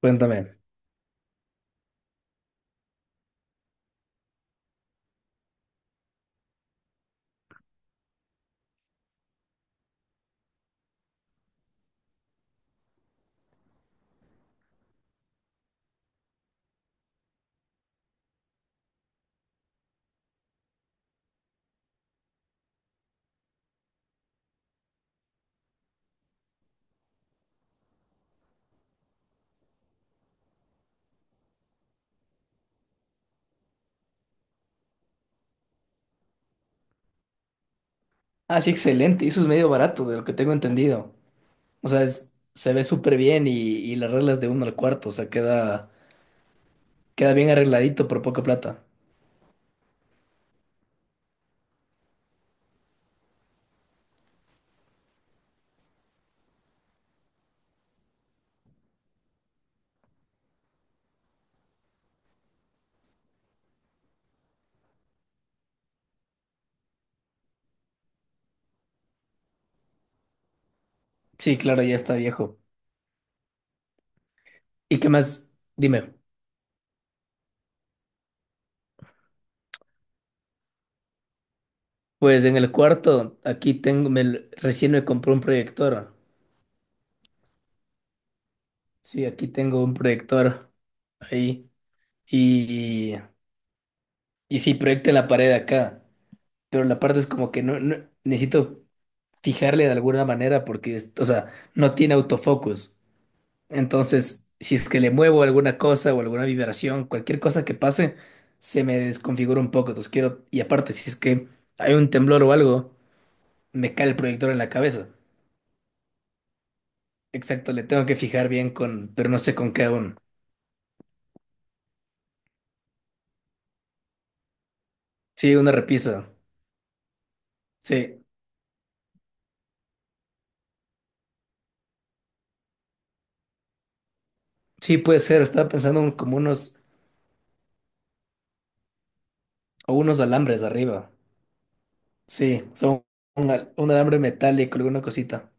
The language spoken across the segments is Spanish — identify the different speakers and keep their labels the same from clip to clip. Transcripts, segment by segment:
Speaker 1: Cuéntame. Ah, sí, excelente. Y eso es medio barato, de lo que tengo entendido. O sea, se ve súper bien y las reglas de uno al cuarto. O sea, queda bien arregladito por poca plata. Sí, claro, ya está viejo. ¿Y qué más? Dime. Pues en el cuarto, recién me compré un proyector. Sí, aquí tengo un proyector ahí. Y, sí, proyecta en la pared de acá. Pero la parte es como que necesito fijarle de alguna manera porque, o sea, no tiene autofocus. Entonces, si es que le muevo alguna cosa o alguna vibración, cualquier cosa que pase, se me desconfigura un poco. Entonces quiero, y aparte, si es que hay un temblor o algo, me cae el proyector en la cabeza. Exacto, le tengo que fijar bien con, pero no sé con qué aún. Sí, una repisa. Sí, sí puede ser. Estaba pensando en como unos, o unos alambres arriba. Sí, son un alambre metálico, alguna cosita.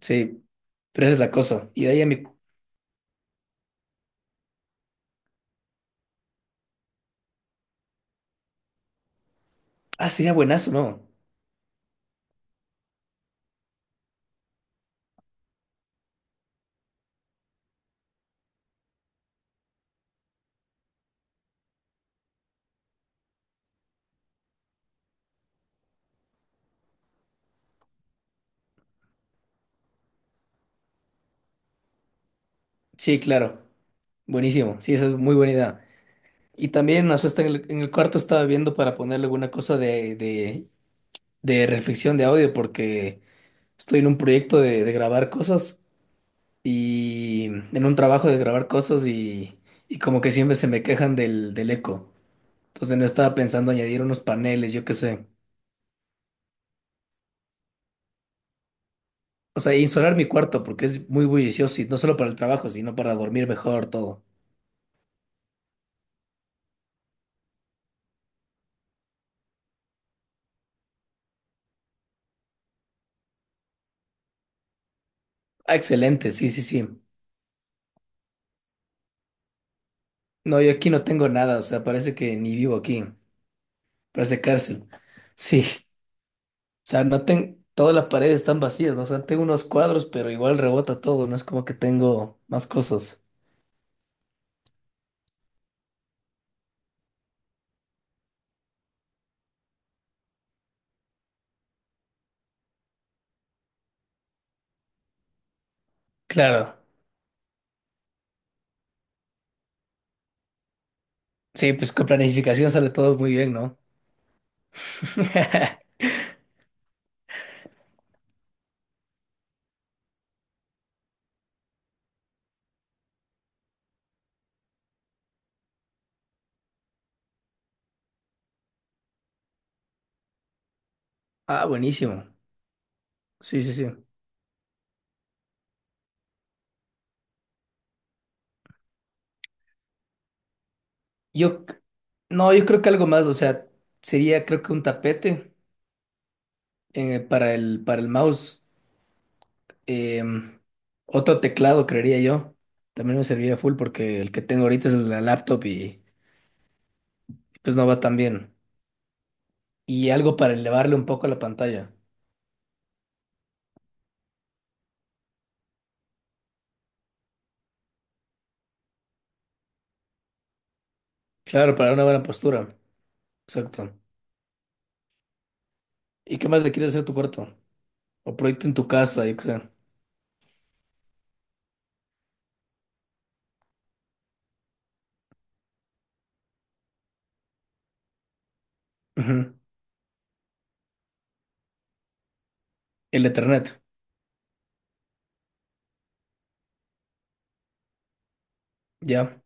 Speaker 1: Sí, pero esa es la cosa. Y de ahí a mi... Ah, sería buenazo, ¿no? Sí, claro. Buenísimo. Sí, esa es muy buena idea. Y también, o sea, está en en el cuarto estaba viendo para ponerle alguna cosa de reflexión de audio, porque estoy en un proyecto de grabar cosas y en un trabajo de grabar cosas y como que siempre se me quejan del eco. Entonces no estaba pensando añadir unos paneles, yo qué sé. O sea, insolar mi cuarto porque es muy bullicioso y no solo para el trabajo, sino para dormir mejor, todo. Ah, excelente, sí, sí, sí. No, yo aquí no tengo nada, o sea, parece que ni vivo aquí, parece cárcel. Sí. Sea, no tengo, todas las paredes están vacías, ¿no? O sea, tengo unos cuadros, pero igual rebota todo, no es como que tengo más cosas. Claro, sí, pues con planificación sale todo muy bien, ¿no? Ah, buenísimo. Sí, sí, sí. Yo, c- no, yo creo que algo más, o sea, sería creo que un tapete para para el mouse, em, otro teclado, creería yo. También me serviría full porque el que tengo ahorita es el de la laptop y pues no va tan bien. Y algo para elevarle un poco la pantalla. Claro, para una buena postura. Exacto. ¿Y qué más le quieres hacer a tu cuarto? O proyecto en tu casa, yo qué sé. Ujú. El Ethernet. Ya.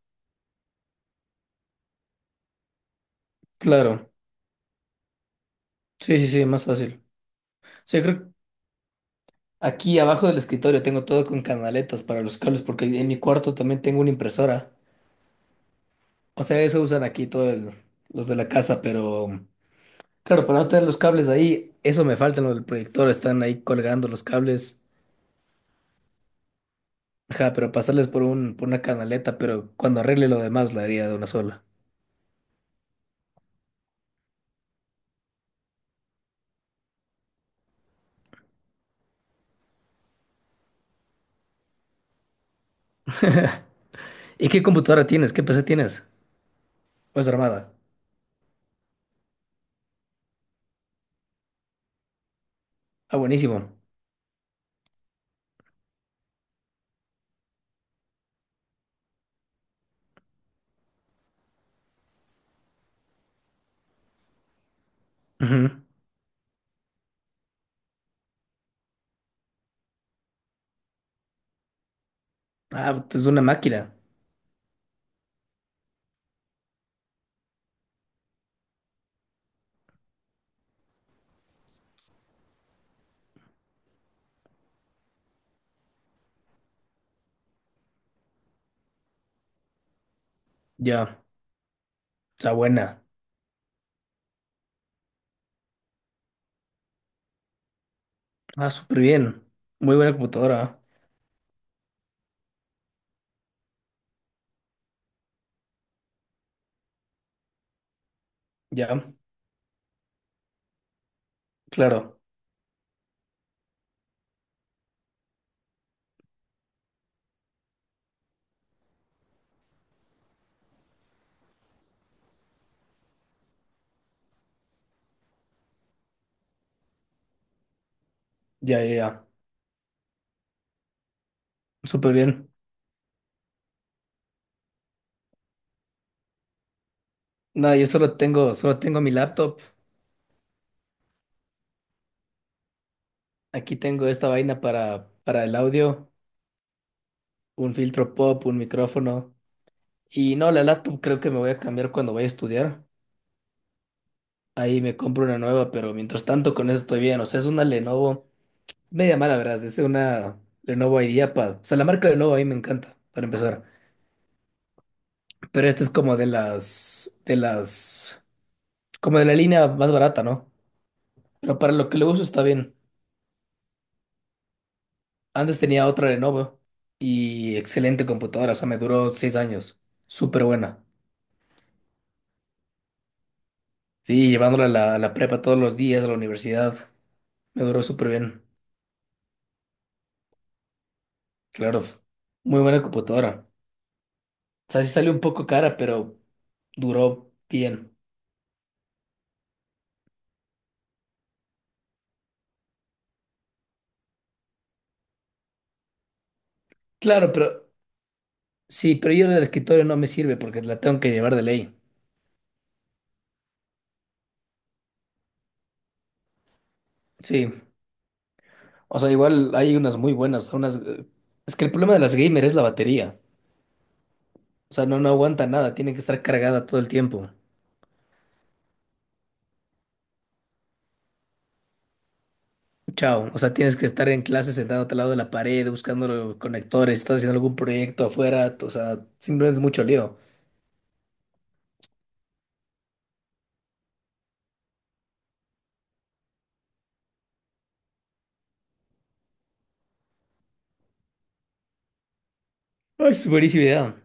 Speaker 1: Claro. Sí, sí, sí, más fácil. O sea, creo que aquí abajo del escritorio tengo todo con canaletas para los cables, porque en mi cuarto también tengo una impresora. O sea, eso usan aquí todos los de la casa, pero claro, para no tener los cables ahí, eso me falta, lo del proyector, están ahí colgando los cables. Ajá, pero pasarles por por una canaleta, pero cuando arregle lo demás la haría de una sola. ¿Y qué computadora tienes? ¿Qué PC tienes? ¿O es armada? Ah, buenísimo. Ujú. Ah, es una máquina. Ya, está buena. Ah, súper bien. Muy buena computadora. ¿Ah? Ya, claro. Ya, ya, ya. Súper bien. Nada, solo tengo mi laptop. Aquí tengo esta vaina para el audio, un filtro pop, un micrófono. Y no, la laptop creo que me voy a cambiar cuando vaya a estudiar. Ahí me compro una nueva, pero mientras tanto con eso estoy bien. O sea, es una Lenovo. Media mala, verás. Es una Lenovo IdeaPad. O sea, la marca Lenovo a mí me encanta, para empezar. Pero esta es como de como de la línea más barata, ¿no? Pero para lo que le uso está bien. Antes tenía otra Lenovo y excelente computadora. O sea, me duró 6 años. Súper buena. Sí, llevándola a a la prepa todos los días, a la universidad. Me duró súper bien. Claro, muy buena computadora. O sea, sí salió un poco cara, pero duró bien. Claro, pero sí, pero yo la del escritorio no me sirve porque la tengo que llevar de ley. Sí. O sea, igual hay unas muy buenas, unas... es que el problema de las gamer es la batería. O sea, no aguanta nada, tiene que estar cargada todo el tiempo. Chao. O sea, tienes que estar en clase sentado al lado de la pared, buscando los conectores, estás haciendo algún proyecto afuera. O sea, simplemente es mucho lío. Ay, es buenísima idea.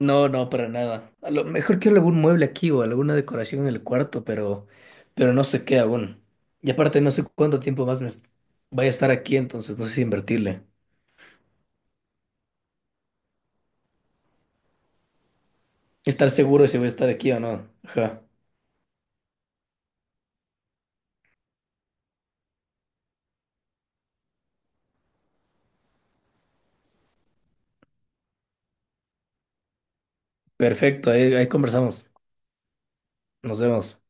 Speaker 1: No, no, para nada. A lo mejor quiero algún mueble aquí o alguna decoración en el cuarto, pero no sé qué aún. Y aparte no sé cuánto tiempo más voy a estar aquí, entonces no sé si invertirle. Estar seguro de si voy a estar aquí o no. Ajá. Perfecto, ahí, ahí conversamos. Nos vemos.